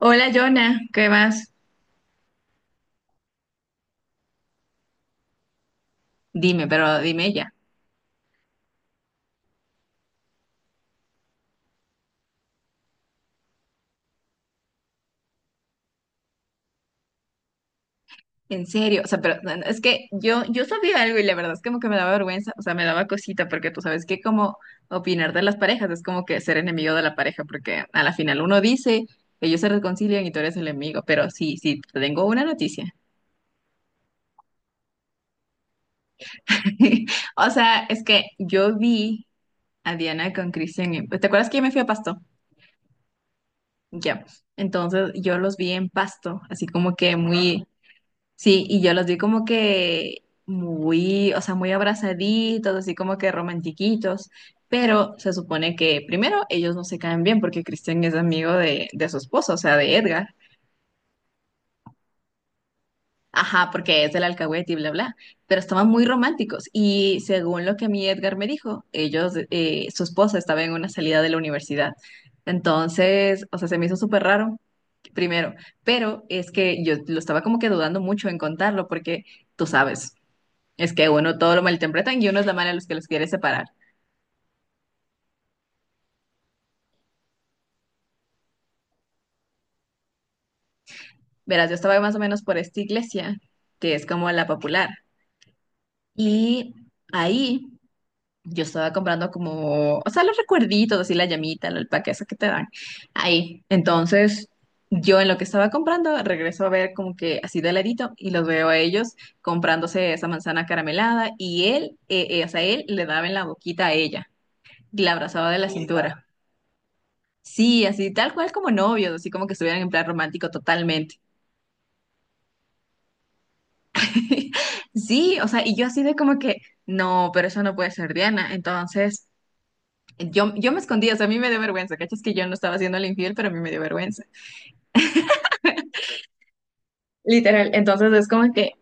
Hola, Jonah, ¿qué más? Dime, pero dime ya. En serio, o sea, pero no, no, es que yo sabía algo y la verdad es como que me daba vergüenza, o sea, me daba cosita, porque tú sabes que como opinar de las parejas es como que ser enemigo de la pareja, porque a la final uno dice, ellos se reconcilian y tú eres el enemigo, pero sí, sí, te tengo una noticia. O sea, es que yo vi a Diana con Cristian, ¿te acuerdas que yo me fui a Pasto? Ya. Entonces yo los vi en Pasto, así como que muy. Sí, y yo los vi como que muy, o sea, muy abrazaditos, así como que romantiquitos, pero se supone que primero ellos no se caen bien porque Cristian es amigo de su esposo, o sea, de Edgar. Ajá, porque es del alcahuete y bla, bla, pero estaban muy románticos y según lo que a mí Edgar me dijo, ellos, su esposa estaba en una salida de la universidad. Entonces, o sea, se me hizo súper raro, primero, pero es que yo lo estaba como que dudando mucho en contarlo porque tú sabes. Es que uno todo lo malinterpretan y uno es la mala a los que los quiere separar. Verás, yo estaba más o menos por esta iglesia, que es como la popular. Y ahí yo estaba comprando como, o sea, los recuerditos, así la llamita, el paquete eso que te dan. Ahí. Entonces, yo en lo que estaba comprando, regreso a ver como que así de ladito y los veo a ellos comprándose esa manzana caramelada y él, o sea, él le daba en la boquita a ella, y la abrazaba de la cintura. Sí, así tal cual como novios, así como que estuvieran en plan romántico totalmente. Sí, o sea, y yo así de como que, no, pero eso no puede ser Diana. Entonces, yo me escondía, o sea, a mí me dio vergüenza, ¿cachas? Que yo no estaba haciendo el infiel, pero a mí me dio vergüenza. Literal, entonces es como que,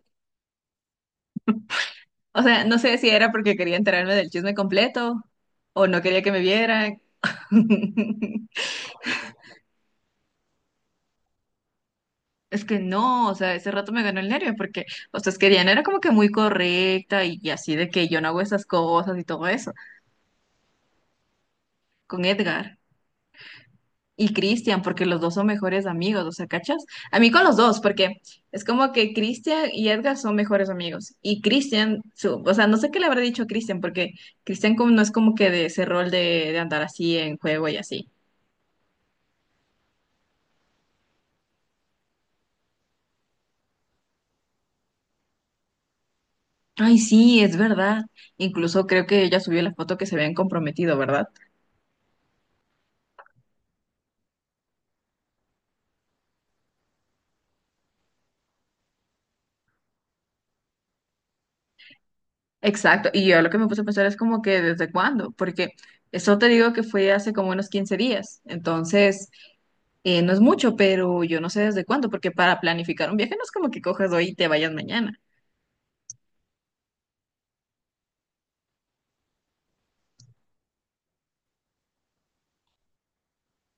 o sea, no sé si era porque quería enterarme del chisme completo o no quería que me vieran. Es que no, o sea, ese rato me ganó el nervio porque, o sea, es que Diana era como que muy correcta y así de que yo no hago esas cosas y todo eso con Edgar. Y Cristian, porque los dos son mejores amigos, o sea, ¿cachas? A mí con los dos, porque es como que Cristian y Edgar son mejores amigos. Y Cristian, o sea, no sé qué le habrá dicho a Cristian, porque Cristian no es como que de ese rol de andar así en juego y así. Ay, sí, es verdad. Incluso creo que ella subió la foto que se habían comprometido, ¿verdad? Exacto. Y yo lo que me puse a pensar es como que desde cuándo, porque eso te digo que fue hace como unos 15 días. Entonces. No es mucho, pero yo no sé desde cuándo, porque para planificar un viaje no es como que coges hoy y te vayas mañana.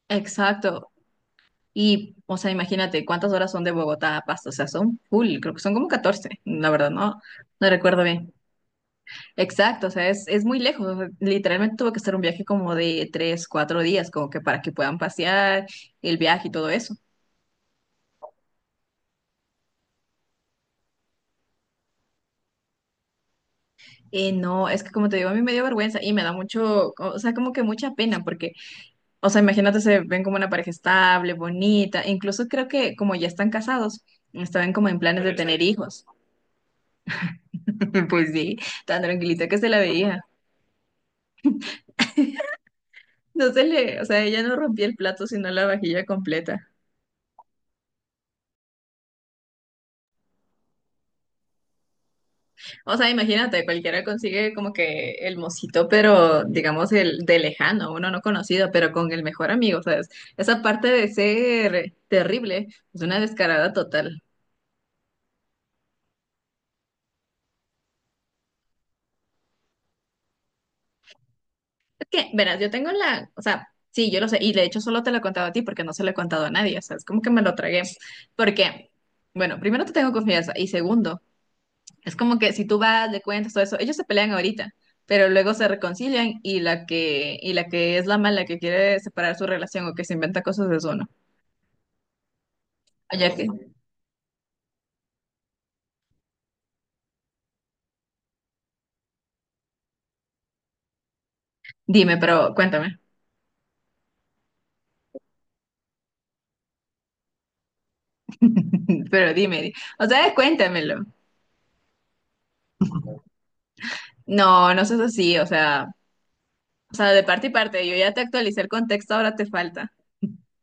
Exacto. Y, o sea, imagínate cuántas horas son de Bogotá a Pasto. O sea, son full, creo que son como 14. La verdad, no, no recuerdo bien. Exacto, o sea, es muy lejos. O sea, literalmente tuve que hacer un viaje como de 3 4 días, como que para que puedan pasear el viaje y todo eso. No, es que como te digo, a mí me dio vergüenza y me da mucho, o sea, como que mucha pena, porque. O sea, imagínate, se ven como una pareja estable, bonita. E incluso creo que como ya están casados, estaban como en planes de tener hijos. Pues sí, tan tranquilita que se la veía. No se le, o sea, ella no rompía el plato, sino la vajilla completa. O sea, imagínate, cualquiera consigue como que el mocito, pero digamos el de lejano, uno no conocido, pero con el mejor amigo, ¿sabes? Esa parte de ser terrible es una descarada total. Que, verás, yo tengo la, o sea, sí, yo lo sé, y de hecho solo te lo he contado a ti porque no se lo he contado a nadie, o sea, es como que me lo tragué, porque, bueno, primero te tengo confianza y segundo, es como que si tú vas, le cuentas todo eso, ellos se pelean ahorita, pero luego se reconcilian y la que, es la mala que quiere separar su relación o que se inventa cosas es uno. Oye, que, dime, pero cuéntame, pero dime, o sea, cuéntamelo. No, no seas así, o sea, de parte y parte, yo ya te actualicé el contexto, ahora te falta.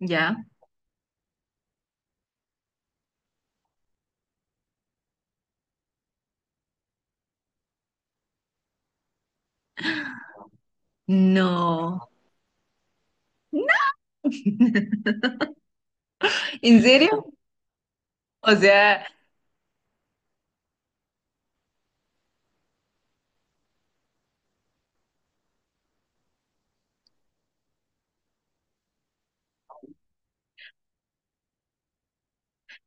¿Ya? No, ¿en serio? O sea,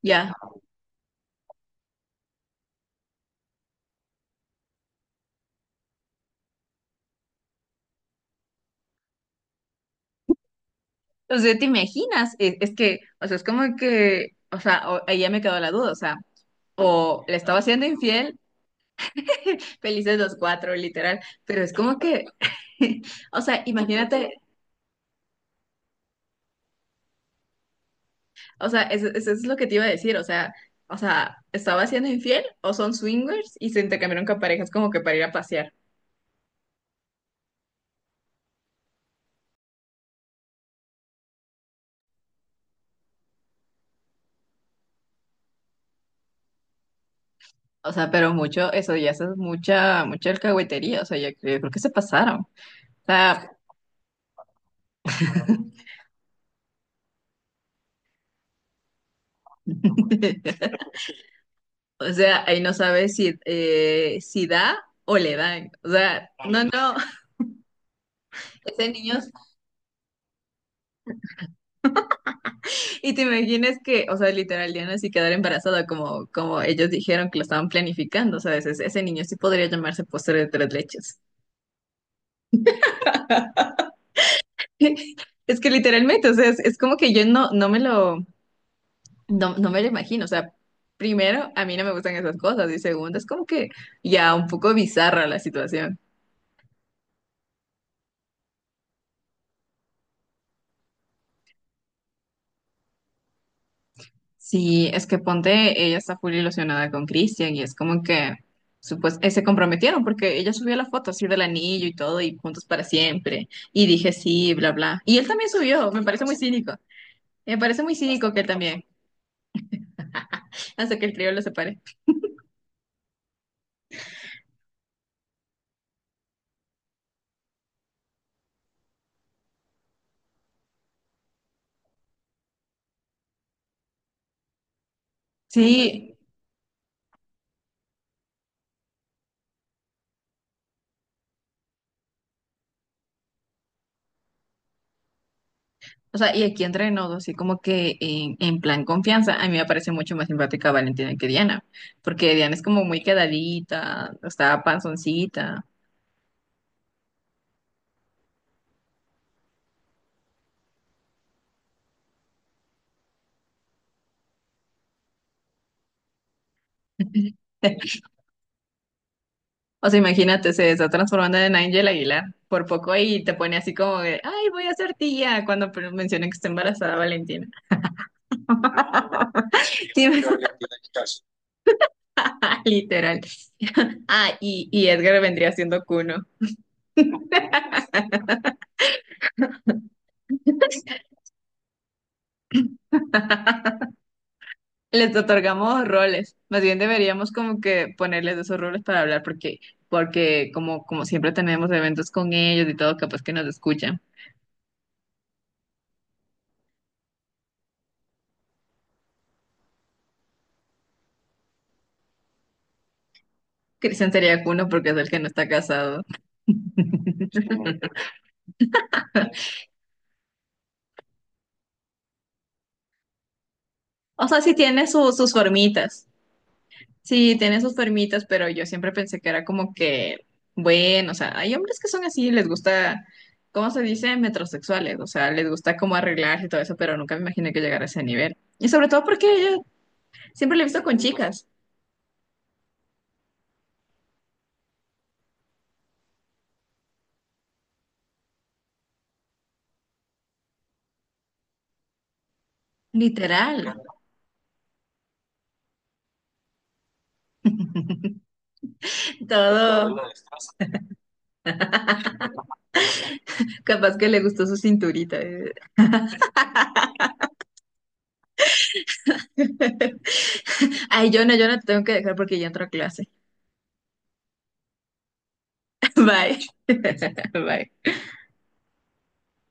ya, o sea, ¿te imaginas? Es que, o sea, es como que, o sea, ahí ya me quedó la duda, o sea, o le estaba siendo infiel. Felices los cuatro, literal, pero es como que, o sea, imagínate, o sea, eso, es lo que te iba a decir, o sea, estaba siendo infiel o son swingers y se intercambiaron con parejas como que para ir a pasear. O sea, pero mucho, eso ya eso es mucha, mucha alcahuetería, o sea, yo creo que se pasaron. O sea. O sea, ahí no sabe si, si da o le dan. O sea, no, no. Ese niños. Y te imaginas que, o sea, literal, Diana sí quedar embarazada, como ellos dijeron que lo estaban planificando. O sea, ese, niño sí podría llamarse postre de tres leches. Es que literalmente, o sea, es como que yo no, no me lo imagino. O sea, primero, a mí no me gustan esas cosas. Y segundo, es como que ya un poco bizarra la situación. Sí, es que ponte, ella está full ilusionada con Cristian y es como que se comprometieron porque ella subió la foto así del anillo y todo y juntos para siempre. Y dije sí, bla, bla. Y él también subió, me parece muy cínico. Me parece muy cínico que él también, hasta que el trío lo separe. Sí, o sea, y aquí entre nos, así como que en plan confianza, a mí me parece mucho más simpática Valentina que Diana, porque Diana es como muy quedadita, o sea, panzoncita. O sea, imagínate, se está transformando en Ángel Aguilar por poco y te pone así como de, ay, voy a ser tía cuando menciona que está embarazada Valentina. Sí, literal. Ah, y Edgar vendría siendo Cuno. Les otorgamos roles. Más bien deberíamos como que ponerles esos roles para hablar porque, porque como siempre tenemos eventos con ellos y todo, capaz que nos escuchan. Cristian sería Cuno porque es el que no está casado. O sea, sí tiene sus formitas. Sí, tiene sus formitas, pero yo siempre pensé que era como que, bueno, o sea, hay hombres que son así, les gusta, ¿cómo se dice? Metrosexuales, o sea, les gusta como arreglarse y todo eso, pero nunca me imaginé que llegara a ese nivel. Y sobre todo porque yo siempre lo he visto con chicas, literal, todo, capaz que le gustó su cinturita. Ay, yo no te tengo que dejar porque ya entro a clase. Bye. Bye.